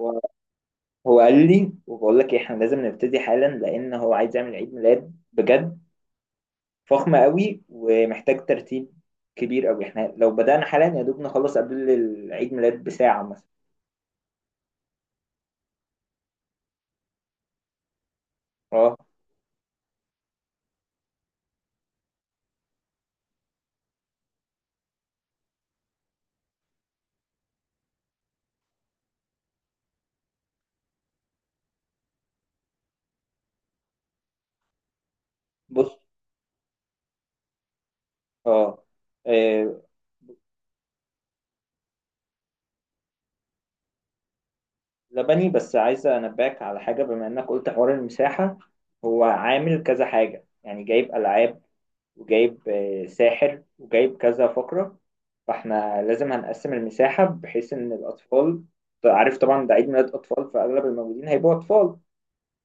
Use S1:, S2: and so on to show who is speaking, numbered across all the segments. S1: هو هو قال لي وبقول لك إيه، احنا لازم نبتدي حالا لان هو عايز يعمل عيد ميلاد بجد فخمة قوي ومحتاج ترتيب كبير قوي. احنا لو بدأنا حالا يا دوب نخلص قبل العيد ميلاد بساعة مثلا. اه، بص، اه آه، لبني. بس عايز انبهك على حاجة بما انك قلت حوار المساحة. هو عامل كذا حاجة، يعني جايب ألعاب وجايب ساحر وجايب كذا فقرة، فاحنا لازم هنقسم المساحة بحيث ان الاطفال، عارف طبعا ده عيد ميلاد اطفال فاغلب الموجودين هيبقوا اطفال.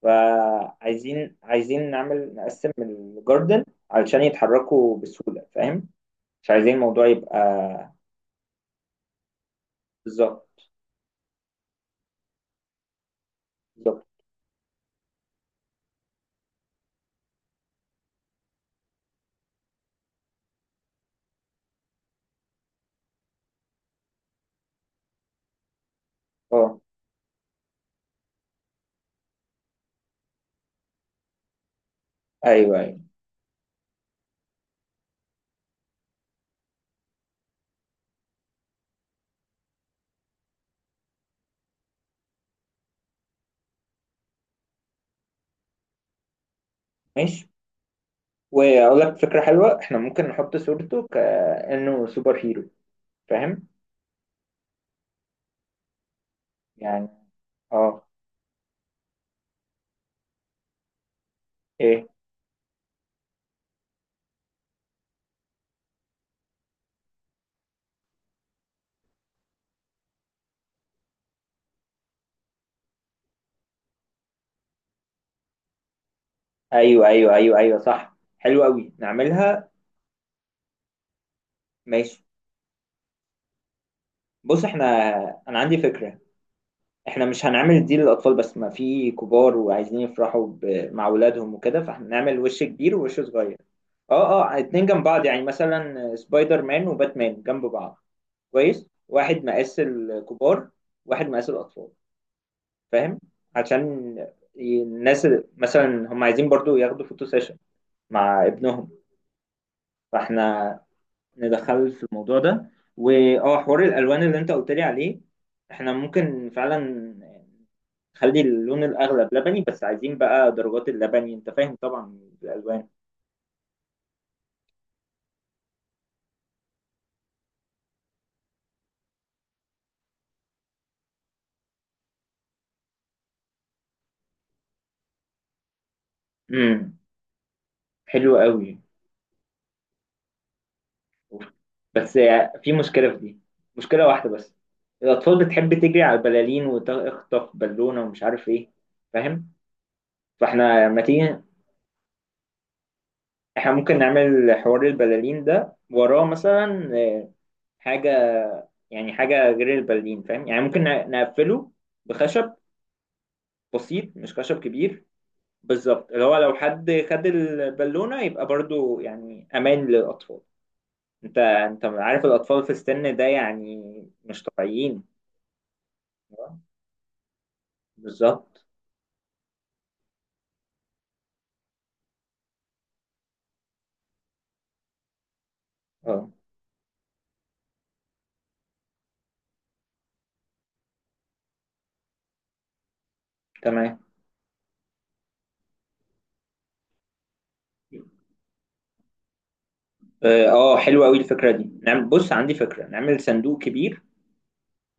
S1: فعايزين عايزين نعمل نقسم الجاردن علشان يتحركوا بسهولة، فاهم؟ مش عايزين الموضوع يبقى... بالظبط، بالظبط. اه، ايوه، ايوه، ماشي. واقول لك فكرة حلوة، احنا ممكن نحط صورته كأنه سوبر هيرو، فاهم يعني. اه، ايه؟ ايوه، ايوه، ايوه، ايوه، صح، حلو قوي، نعملها. ماشي. بص انا عندي فكره. احنا مش هنعمل دي للاطفال بس، ما في كبار وعايزين يفرحوا مع اولادهم وكده، فهنعمل وش كبير ووش صغير. اه، اه، اتنين جنب بعض يعني، مثلا سبايدر مان وباتمان جنب بعض. كويس، واحد مقاس الكبار واحد مقاس الاطفال، فاهم؟ عشان الناس مثلا هم عايزين برضو ياخدوا فوتو سيشن مع ابنهم. فاحنا ندخله في الموضوع ده. واه حوار الالوان اللي انت قلت لي عليه، احنا ممكن فعلا نخلي اللون الاغلب لبني، بس عايزين بقى درجات اللبني، انت فاهم طبعا الالوان. امم حلو قوي، بس في مشكله في دي، مشكله واحده بس. الاطفال بتحب تجري على البلالين وتخطف بالونه ومش عارف ايه، فاهم. فاحنا لما تيجي، احنا ممكن نعمل حوار البلالين ده وراه مثلا حاجه، يعني حاجة غير البرلين، فاهم؟ يعني ممكن نقفله بخشب بسيط، مش خشب كبير. بالظبط، اللي هو لو حد خد البالونة يبقى برضو يعني أمان للأطفال. انت عارف الأطفال في السن ده يعني، مش طبيعيين. آه، بالظبط. اه، تمام. اه، حلوة قوي الفكرة دي. نعم، بص عندي فكرة نعمل صندوق كبير،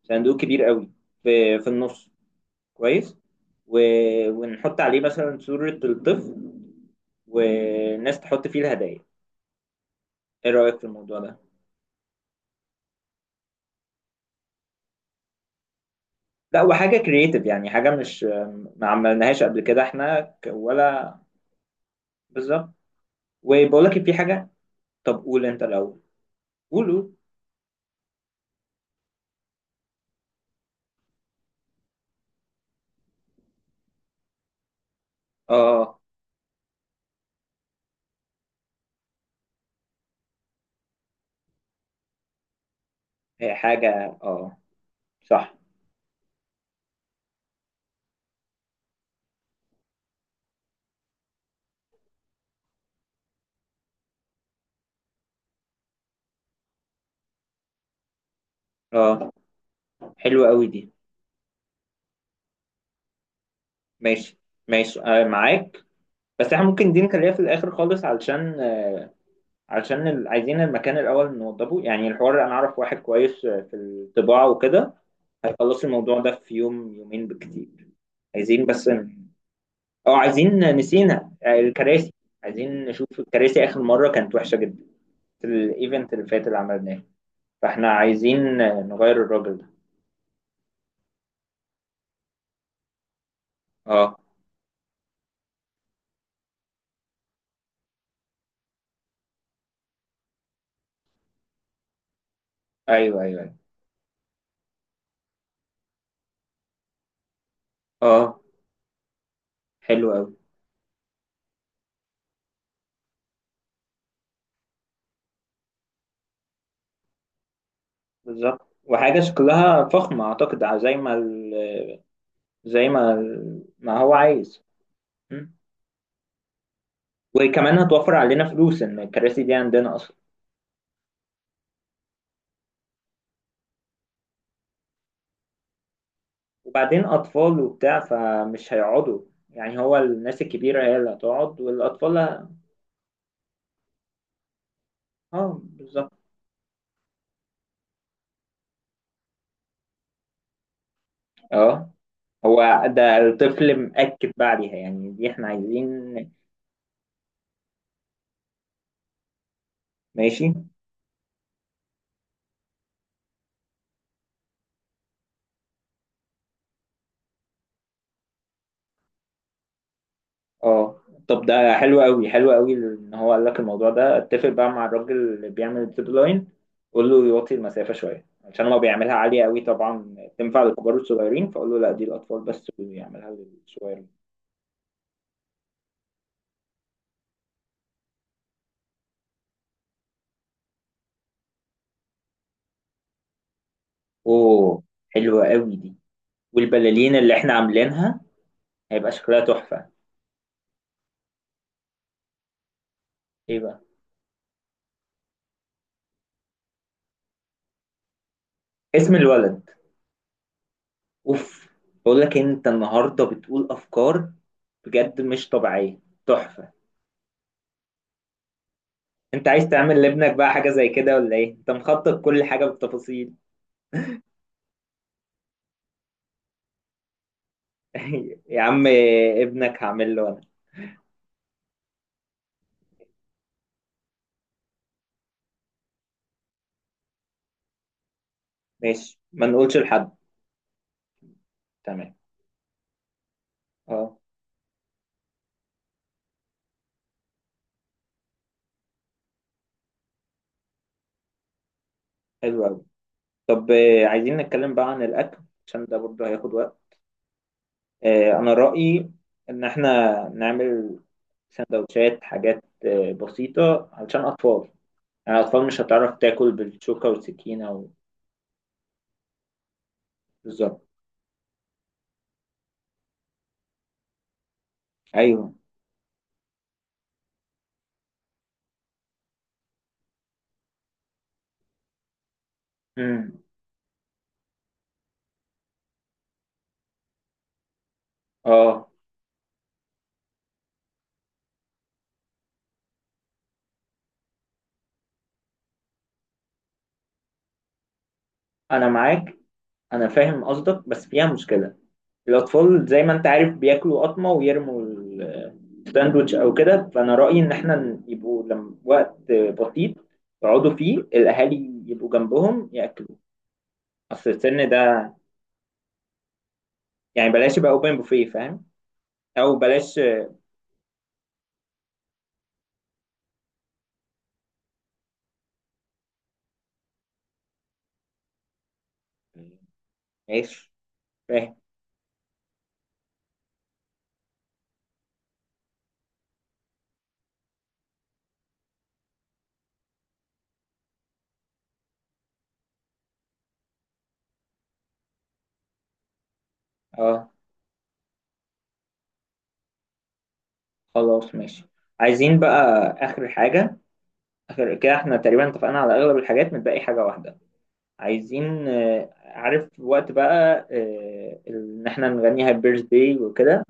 S1: صندوق كبير قوي، في النص. كويس. و... ونحط عليه مثلا صورة الطفل والناس تحط فيه الهدايا. ايه رأيك في الموضوع ده؟ لا، وحاجة كرييتيف، يعني حاجة مش ما عملناهاش قبل كده، احنا ولا. بالظبط. وبقول لك في حاجة. طب قول انت الأول. قول، قول. اه، هي حاجة. اه، صح. اه، حلوة قوي دي. ماشي، ماشي، معاك. بس احنا ممكن دي نخليها في الآخر خالص، عايزين المكان الأول نوضبه، يعني الحوار أنا أعرف واحد كويس في الطباعة وكده، هيخلص الموضوع ده في يوم يومين بالكتير. عايزين بس ن- اه عايزين نسينا الكراسي. عايزين نشوف الكراسي، آخر مرة كانت وحشة جدا في الإيفنت اللي فات اللي عملناه، فإحنا عايزين نغير الراجل ده. اه، أيوه، أيوه، أيوه. اه، حلو أوي. بالظبط، وحاجة شكلها فخمة أعتقد، ع- زي ما ال... زي ما ال... ما هو عايز. وكمان هتوفر علينا فلوس ان الكراسي دي عندنا اصلا. وبعدين اطفال وبتاع فمش هيقعدوا، يعني هو الناس الكبيره هي اللي هتقعد والاطفال اه، بالظبط. اه، هو ده الطفل مأكد بقى عليها، يعني دي احنا عايزين. ماشي. اه، طب ده حلو قوي، حلو قوي ان هو قال لك الموضوع ده، اتفق بقى مع الراجل اللي بيعمل الزيب لاين، قول له يوطي المسافه شويه عشان لو بيعملها عاليه قوي طبعا تنفع للكبار والصغيرين، فاقول له لا دي الاطفال بس ويعملها للصغير. اوه، حلوة قوي دي. والبلالين اللي احنا عاملينها هيبقى شكلها تحفة. ايه بقى؟ اسم الولد. اوف. بقول لك انت النهاردة بتقول افكار بجد مش طبيعية، تحفة. انت عايز تعمل لابنك بقى حاجة زي كده ولا ايه؟ انت مخطط كل حاجة بالتفاصيل. يا عم، ابنك هعمل له انا. ماشي، ما نقولش لحد. تمام. اه، حلو قوي. طب عايزين نتكلم بقى عن الاكل، عشان ده برضه هياخد وقت. انا رأيي ان احنا نعمل سندوتشات، حاجات بسيطة علشان اطفال، يعني الاطفال مش هتعرف تاكل بالشوكة والسكينة. بالظبط. ايوه. امم اه، انا معاك. انا فاهم قصدك، بس فيها مشكلة. الاطفال زي ما انت عارف بياكلوا قطمة ويرموا الساندوتش او كده، فانا رأيي ان احنا يبقوا لما وقت بسيط، يقعدوا فيه الاهالي يبقوا جنبهم ياكلوا، اصل السن ده يعني، بلاش يبقى اوبن بوفيه، فاهم، او بلاش. ماشي. فاهم. اه، خلاص ماشي. عايزين بقى اخر حاجه، اخر كده احنا تقريبا اتفقنا على اغلب الحاجات، متبقي حاجه واحده. عايزين عارف وقت بقى ان احنا نغني هابي بيرث داي وكده.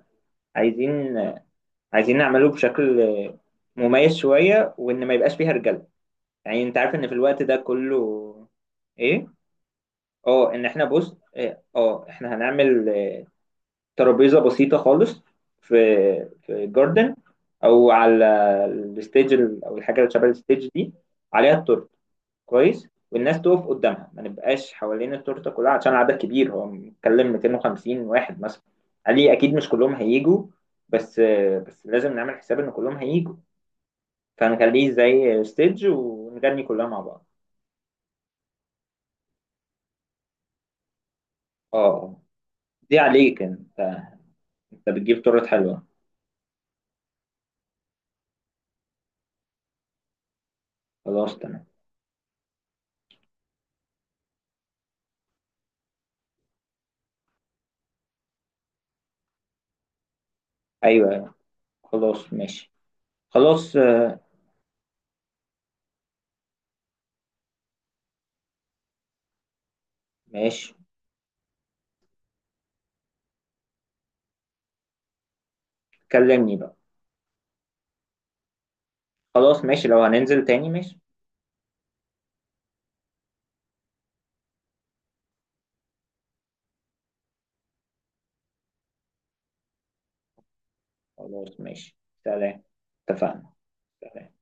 S1: عايزين نعمله بشكل مميز شويه، وان ما يبقاش فيها رجاله، يعني انت عارف ان في الوقت ده كله. ايه؟ اه ان احنا بص اه آه، احنا هنعمل ترابيزه بسيطه خالص في في جاردن او على او الحاجه اللي شبه الستيج دي عليها التورته. كويس، والناس تقف قدامها، ما نبقاش حوالين التورته كلها عشان العدد كبير، هو بنتكلم 250 واحد مثلا. علي اكيد مش كلهم هيجوا، بس بس لازم نعمل حساب ان كلهم هيجوا، فنخليه زي ستيج ونغني كلها مع بعض. اه، دي عليك انت، انت بتجيب تورت حلوه. خلاص تمام. ايوه، أيوة. خلاص ماشي. خلاص، ماشي. كلمني بقى. خلاص ماشي، لو هننزل تاني ماشي. خلاص ماشي، سلام. اتفقنا. سلام.